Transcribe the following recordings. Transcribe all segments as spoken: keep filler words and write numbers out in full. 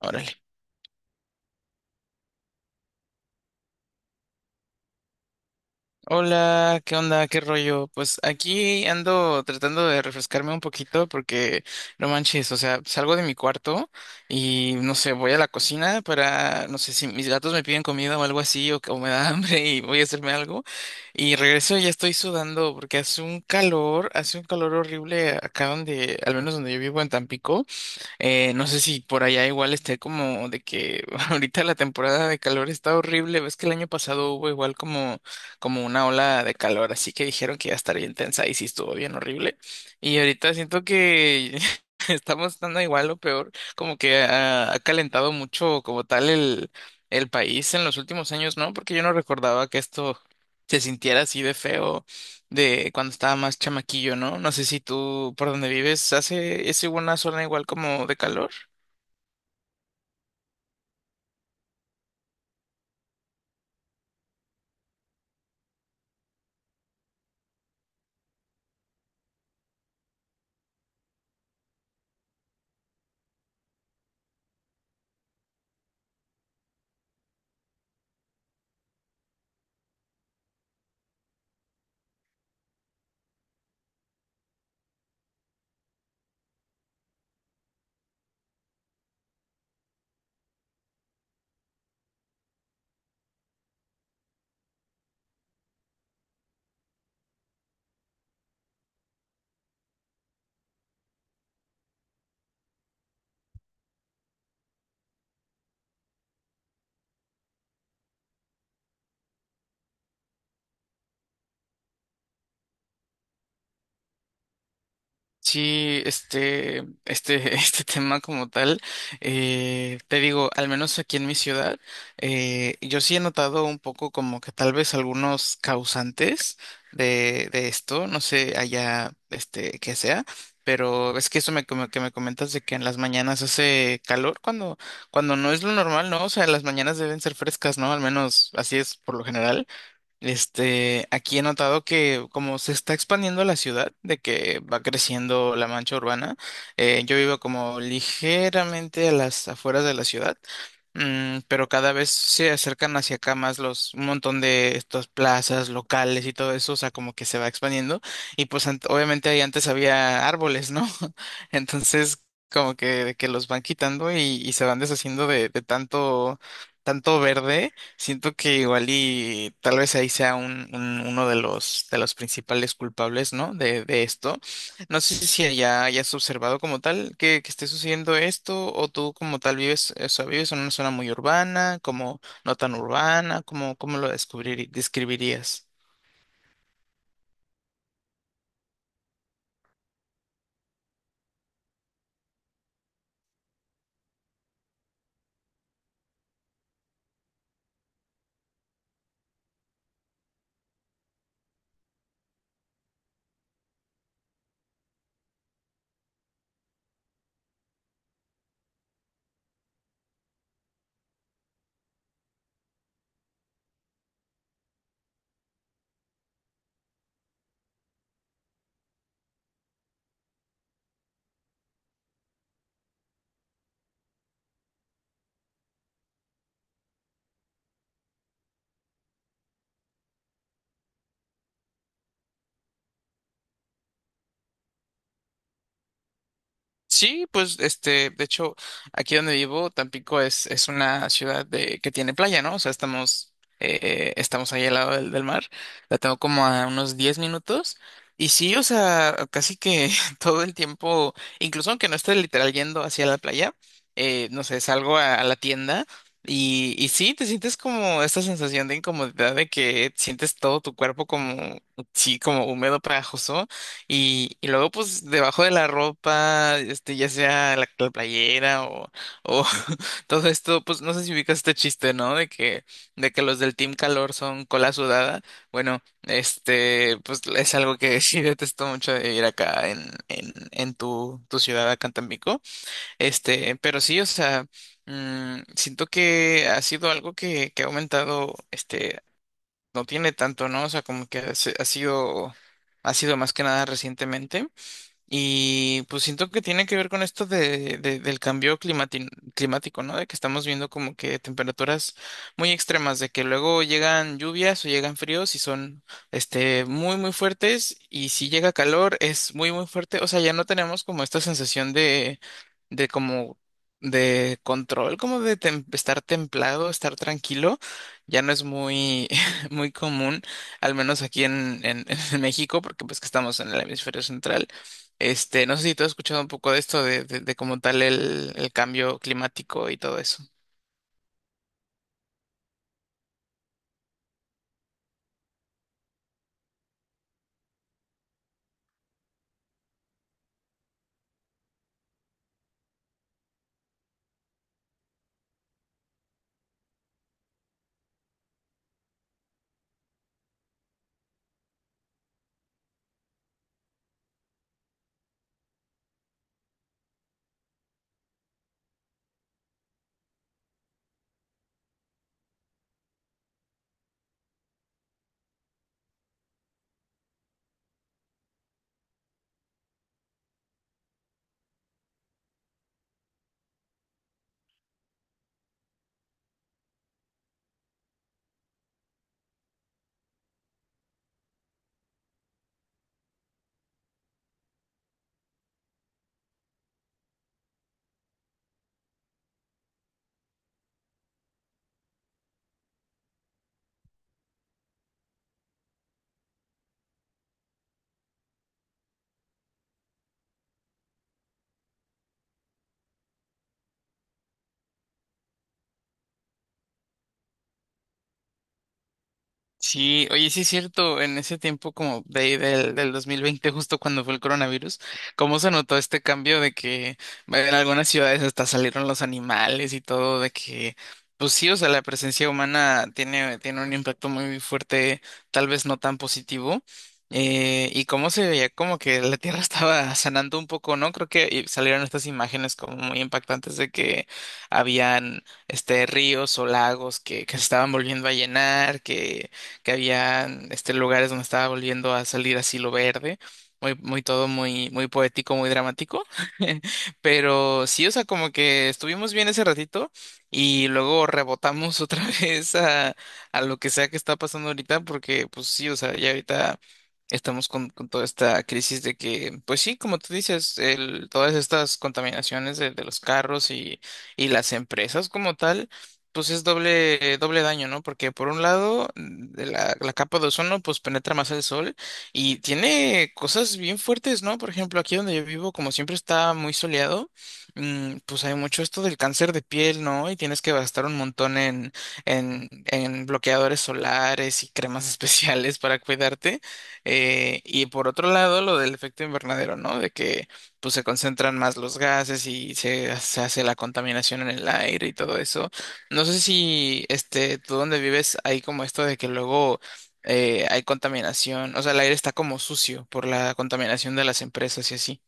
Órale. Hola, ¿qué onda? ¿Qué rollo? Pues aquí ando tratando de refrescarme un poquito porque no manches, o sea, salgo de mi cuarto y no sé, voy a la cocina para, no sé, si mis gatos me piden comida o algo así o, o me da hambre y voy a hacerme algo y regreso y ya estoy sudando porque hace un calor, hace un calor horrible acá donde, al menos donde yo vivo en Tampico. Eh, no sé si por allá igual esté como de que ahorita la temporada de calor está horrible. Ves que el año pasado hubo igual como, como una ola de calor, así que dijeron que iba a estar bien tensa y sí estuvo bien horrible. Y ahorita siento que estamos estando igual o peor, como que ha, ha calentado mucho como tal el, el país en los últimos años, ¿no? Porque yo no recordaba que esto se sintiera así de feo de cuando estaba más chamaquillo, ¿no? No sé si tú por donde vives hace, es igual una zona igual como de calor. Sí, este, este, este tema como tal, eh, te digo, al menos aquí en mi ciudad, eh, yo sí he notado un poco como que tal vez algunos causantes de, de esto, no sé allá, este, que sea, pero es que eso me, como que me comentas de que en las mañanas hace calor cuando, cuando no es lo normal, ¿no? O sea, las mañanas deben ser frescas, ¿no? Al menos así es por lo general. Este, aquí he notado que como se está expandiendo la ciudad, de que va creciendo la mancha urbana, eh, yo vivo como ligeramente a las afueras de la ciudad, mm, pero cada vez se acercan hacia acá más los, un montón de estas plazas locales y todo eso, o sea, como que se va expandiendo y pues ant- obviamente ahí antes había árboles, ¿no? Entonces, como que, que los van quitando y, y se van deshaciendo de, de tanto tanto verde. Siento que igual y tal vez ahí sea un, un- uno de los de los principales culpables, ¿no? De, de esto. No sé si ya hayas observado como tal que, que esté sucediendo esto, o tú como tal vives, o sea, vives en una zona muy urbana, como no tan urbana, como, ¿cómo cómo lo descubrir, ¿describirías? Sí, pues este, de hecho, aquí donde vivo, Tampico es, es una ciudad de, que tiene playa, ¿no? O sea, estamos, eh, estamos ahí al lado del, del mar. La tengo como a unos diez minutos. Y sí, o sea, casi que todo el tiempo, incluso aunque no esté literal yendo hacia la playa, eh, no sé, salgo a, a la tienda y, y sí, te sientes como esta sensación de incomodidad de que sientes todo tu cuerpo como, sí, como húmedo, pegajoso. Y, y luego, pues, debajo de la ropa, este, ya sea la, la playera o, o todo esto, pues, no sé si ubicas este chiste, ¿no? De que, de que los del Team Calor son cola sudada. Bueno, este, pues, es algo que sí detesto mucho de ir acá en, en, en tu, tu ciudad, acá en Tampico. Este, pero sí, o sea, mm, siento que ha sido algo que, que ha aumentado, este, no tiene tanto, ¿no? O sea, como que ha, ha sido, ha sido más que nada recientemente. Y pues siento que tiene que ver con esto de, de- del cambio climati- climático, ¿no? De que estamos viendo como que temperaturas muy extremas, de que luego llegan lluvias o llegan fríos y son este muy muy fuertes y si llega calor es muy muy fuerte, o sea, ya no tenemos como esta sensación de de como de control, como de tem- estar templado, estar tranquilo, ya no es muy muy común, al menos aquí en en en México, porque pues que estamos en el hemisferio central. Este, no sé si tú has escuchado un poco de esto, de, de, de como tal el, el cambio climático y todo eso. Sí, oye, sí es cierto, en ese tiempo como de ahí del, del dos mil veinte, justo cuando fue el coronavirus, ¿cómo se notó este cambio de que bueno, en algunas ciudades hasta salieron los animales y todo, de que, pues sí, o sea, la presencia humana tiene, tiene un impacto muy fuerte, tal vez no tan positivo, eh, y cómo se veía como que la tierra estaba sanando un poco, ¿no? Creo que eh, salieron estas imágenes como muy impactantes de que habían, este, ríos o lagos que, que se estaban volviendo a llenar, que que había este, lugares donde estaba volviendo a salir así lo verde, muy, muy todo muy, muy poético, muy dramático. Pero sí, o sea, como que estuvimos bien ese ratito y luego rebotamos otra vez a, a lo que sea que está pasando ahorita, porque pues sí, o sea, ya ahorita estamos con, con toda esta crisis de que, pues sí, como tú dices, el, todas estas contaminaciones de, de los carros y, y las empresas como tal. Pues es doble, doble daño, ¿no? Porque por un lado, mm, de la, la capa de ozono, pues penetra más el sol y tiene cosas bien fuertes, ¿no? Por ejemplo, aquí donde yo vivo, como siempre está muy soleado, mm, pues hay mucho esto del cáncer de piel, ¿no? Y tienes que gastar un montón en, en, en bloqueadores solares y cremas especiales para cuidarte. Eh, y por otro lado, lo del efecto invernadero, ¿no? De que pues se concentran más los gases y se, se hace la contaminación en el aire y todo eso. No sé si este, tú donde vives hay como esto de que luego eh, hay contaminación, o sea, el aire está como sucio por la contaminación de las empresas y así.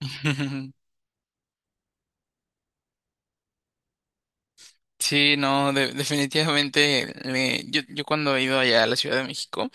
Sí, no, de- definitivamente eh, yo, yo cuando he ido allá a la Ciudad de México.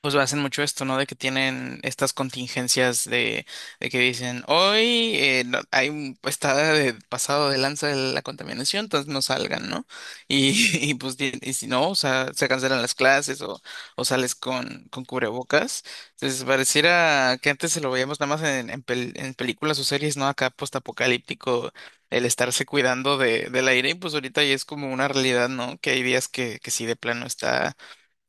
Pues hacen mucho esto, ¿no? De que tienen estas contingencias de, de que dicen, hoy eh, no- hay un, está de- pasado de lanza de la contaminación, entonces no salgan, ¿no? Y, y pues di- y si no, o sea, se cancelan las clases o, o sales con, con cubrebocas. Entonces pareciera que antes se lo veíamos nada más en, en, pel- en películas o series, ¿no? Acá postapocalíptico, el estarse cuidando de, del aire, y pues ahorita ya es como una realidad, ¿no? Que hay días que, que sí de plano está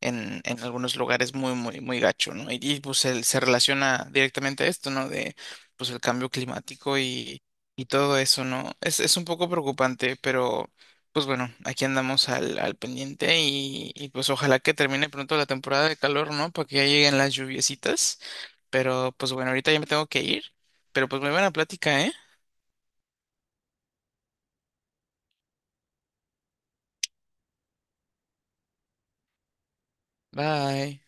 en, en algunos lugares muy, muy, muy gacho, ¿no? Y, y, pues se, se relaciona directamente a esto, ¿no? De pues el cambio climático y, y todo eso, ¿no? Es, es un poco preocupante, pero pues bueno, aquí andamos al, al pendiente y, y pues ojalá que termine pronto la temporada de calor, ¿no? Para que ya lleguen las lluviecitas, pero pues bueno, ahorita ya me tengo que ir, pero pues muy buena plática, ¿eh? Bye.